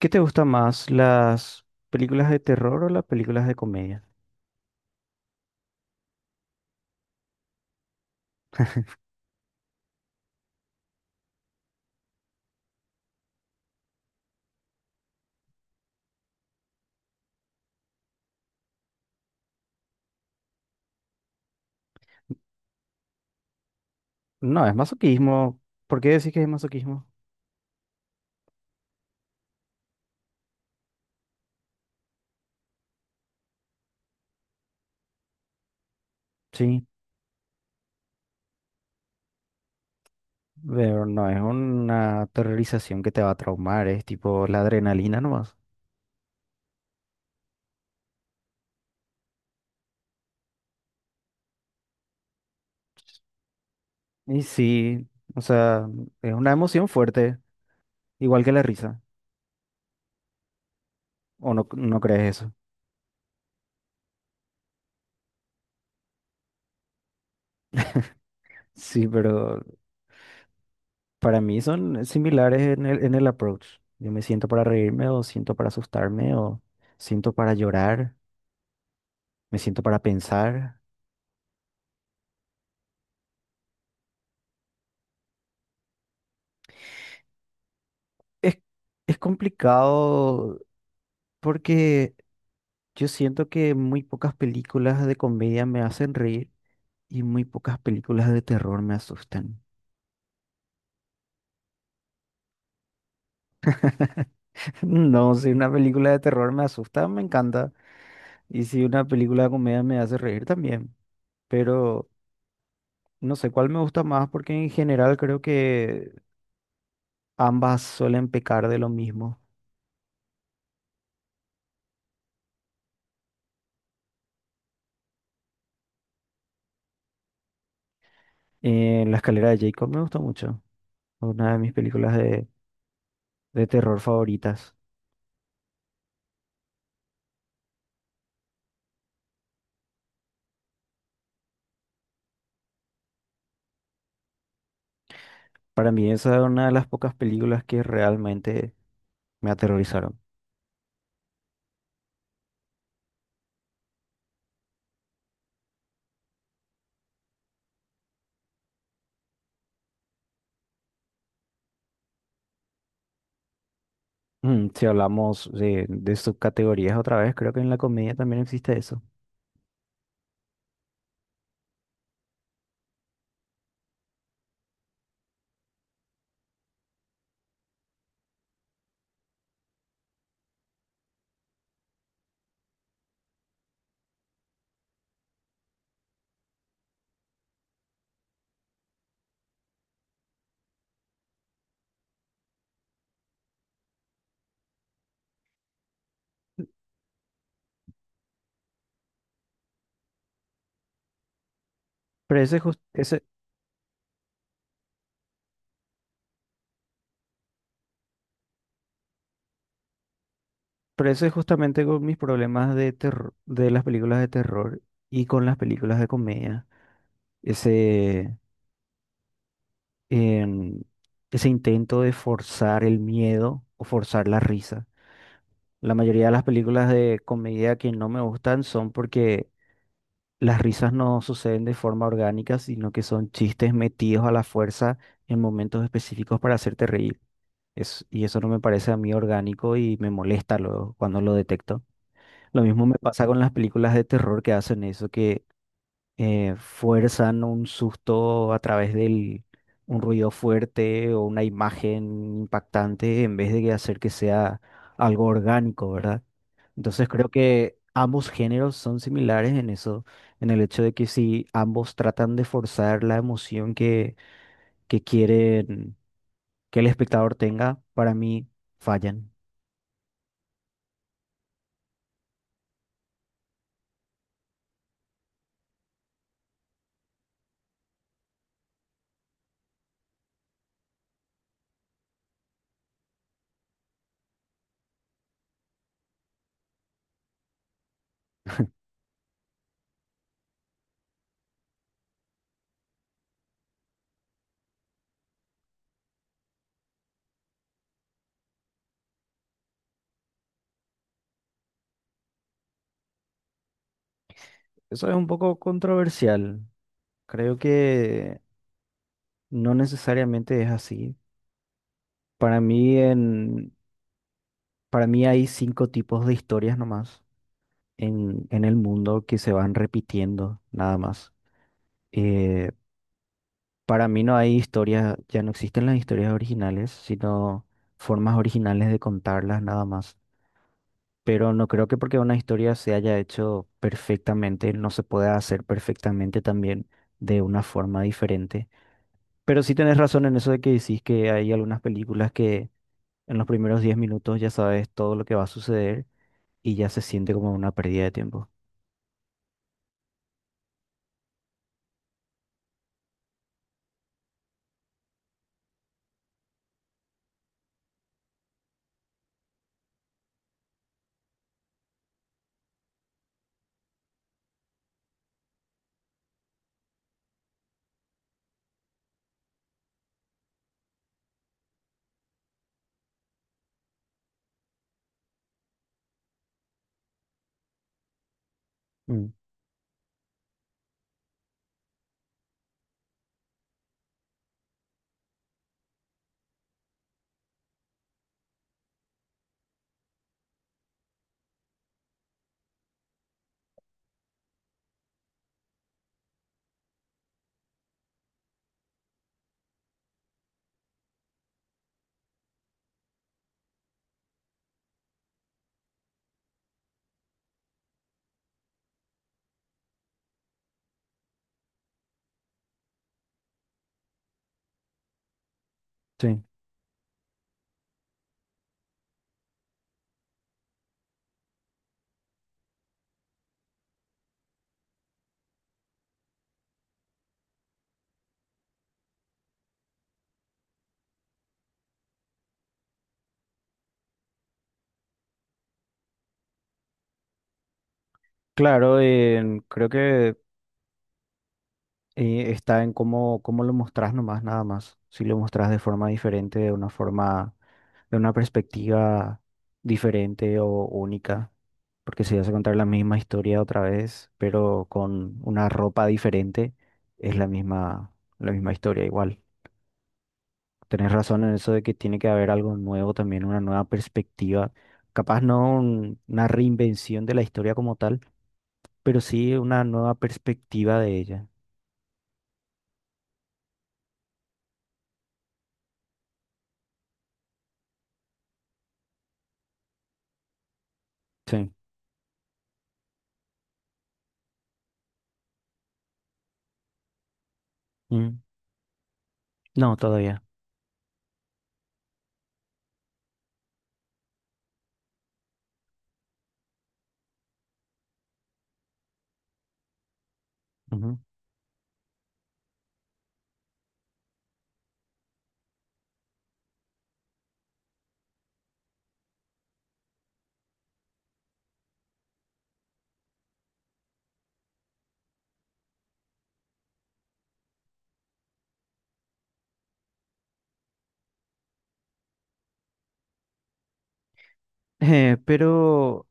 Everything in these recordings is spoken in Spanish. ¿Qué te gusta más, las películas de terror o las películas de comedia? No, es masoquismo. ¿Por qué decís que es masoquismo? Sí, pero no es una terrorización que te va a traumar, es tipo la adrenalina nomás. Y sí, o sea, es una emoción fuerte, igual que la risa. ¿O no crees eso? Sí, pero para mí son similares en el approach. Yo me siento para reírme o siento para asustarme o siento para llorar, me siento para pensar. Es, es complicado porque yo siento que muy pocas películas de comedia me hacen reír y muy pocas películas de terror me asustan. No, si una película de terror me asusta, me encanta. Y si una película de comedia me hace reír también. Pero no sé cuál me gusta más porque en general creo que ambas suelen pecar de lo mismo. En La escalera de Jacob me gusta mucho. Una de mis películas de terror favoritas. Para mí esa es una de las pocas películas que realmente me aterrorizaron. Mm, si hablamos de subcategorías otra vez, creo que en la comedia también existe eso. Pero ese, jus- ese, pero ese es justamente con mis problemas de terror, de las películas de terror y con las películas de comedia. Ese, em, Ese intento de forzar el miedo o forzar la risa. La mayoría de las películas de comedia que no me gustan son porque las risas no suceden de forma orgánica, sino que son chistes metidos a la fuerza en momentos específicos para hacerte reír. Y eso no me parece a mí orgánico y me molesta luego cuando lo detecto. Lo mismo me pasa con las películas de terror que hacen eso, que fuerzan un susto a través del un ruido fuerte o una imagen impactante en vez de que hacer que sea algo orgánico, ¿verdad? Entonces creo que ambos géneros son similares en eso, en el hecho de que si ambos tratan de forzar la emoción que quieren que el espectador tenga, para mí fallan. Eso es un poco controversial. Creo que no necesariamente es así. Para mí, en, para mí hay cinco tipos de historias nomás en el mundo que se van repitiendo, nada más. Eh, Para mí no hay historias, ya no existen las historias originales, sino formas originales de contarlas nada más. Pero no creo que porque una historia se haya hecho perfectamente, no se pueda hacer perfectamente también de una forma diferente. Pero sí tenés razón en eso de que decís que hay algunas películas que en los primeros 10 minutos ya sabes todo lo que va a suceder y ya se siente como una pérdida de tiempo. Mm, sí. Claro, creo que está en cómo lo mostrás nomás, nada más. Si lo mostrás de forma diferente, de una perspectiva diferente o única. Porque si vas a contar la misma historia otra vez, pero con una ropa diferente, es la misma historia igual. Tenés razón en eso de que tiene que haber algo nuevo también, una nueva perspectiva. Capaz no un- una reinvención de la historia como tal, pero sí una nueva perspectiva de ella. Sí. Mm. No, todavía. Ujú. Pero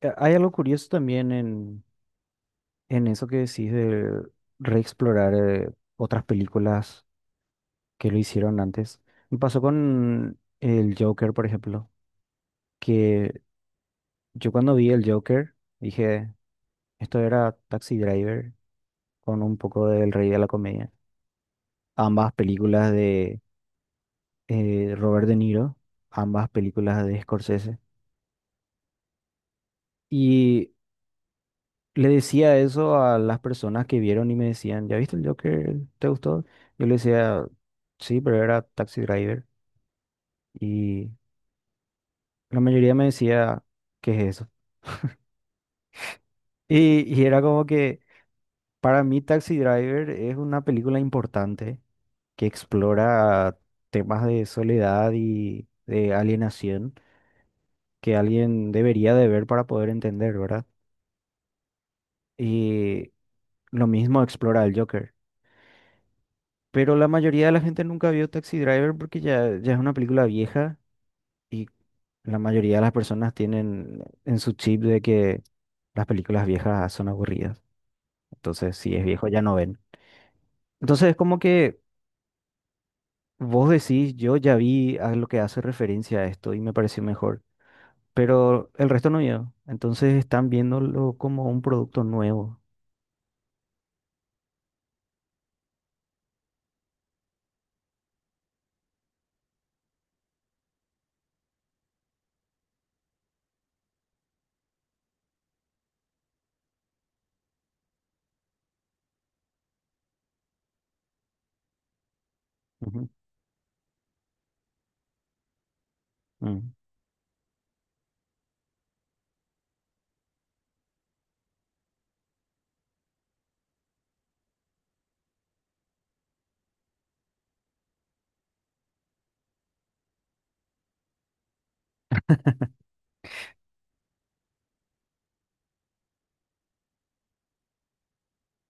hay algo curioso también en eso que decís de reexplorar otras películas que lo hicieron antes. Me pasó con el Joker, por ejemplo, que yo cuando vi el Joker dije, esto era Taxi Driver con un poco del Rey de la Comedia. Ambas películas de Robert De Niro, ambas películas de Scorsese. Y le decía eso a las personas que vieron y me decían, ¿ya viste el Joker? ¿Te gustó? Yo le decía, sí, pero era Taxi Driver. Y la mayoría me decía, ¿qué es eso? Y era como que para mí Taxi Driver es una película importante que explora temas de soledad y de alienación que alguien debería de ver para poder entender, ¿verdad? Y lo mismo explora el Joker. Pero la mayoría de la gente nunca vio Taxi Driver porque ya es una película vieja y la mayoría de las personas tienen en su chip de que las películas viejas son aburridas. Entonces, si es viejo, ya no ven. Entonces, es como que vos decís, yo ya vi a lo que hace referencia a esto y me pareció mejor, pero el resto no vio. Entonces, están viéndolo como un producto nuevo. Ujú. Mm.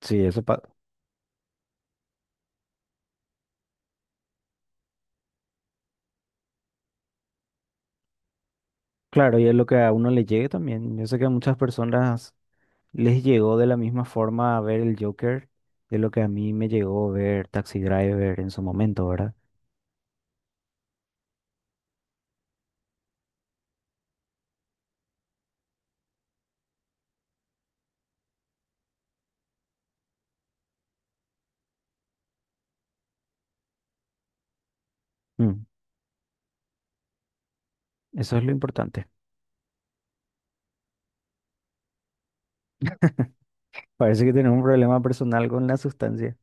Sí, claro, y es lo que a uno le llegue también. Yo sé que a muchas personas les llegó de la misma forma a ver el Joker de lo que a mí me llegó a ver Taxi Driver en su momento, ¿verdad? Mm, eso es lo importante. Parece que tenemos un problema personal con la sustancia.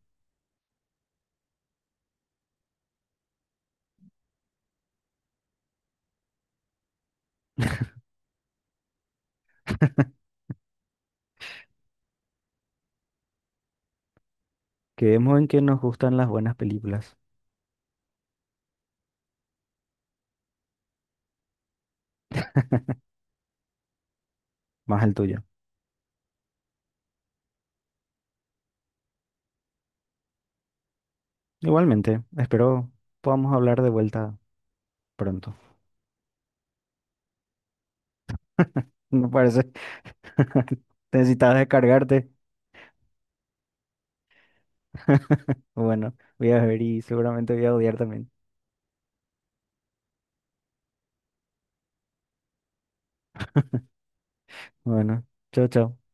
Quedemos en que nos gustan las buenas películas, más el tuyo. Igualmente, espero podamos hablar de vuelta pronto. Me parece. Necesitabas descargarte. Bueno, voy a ver y seguramente voy a odiar también. Bueno, chao, chao.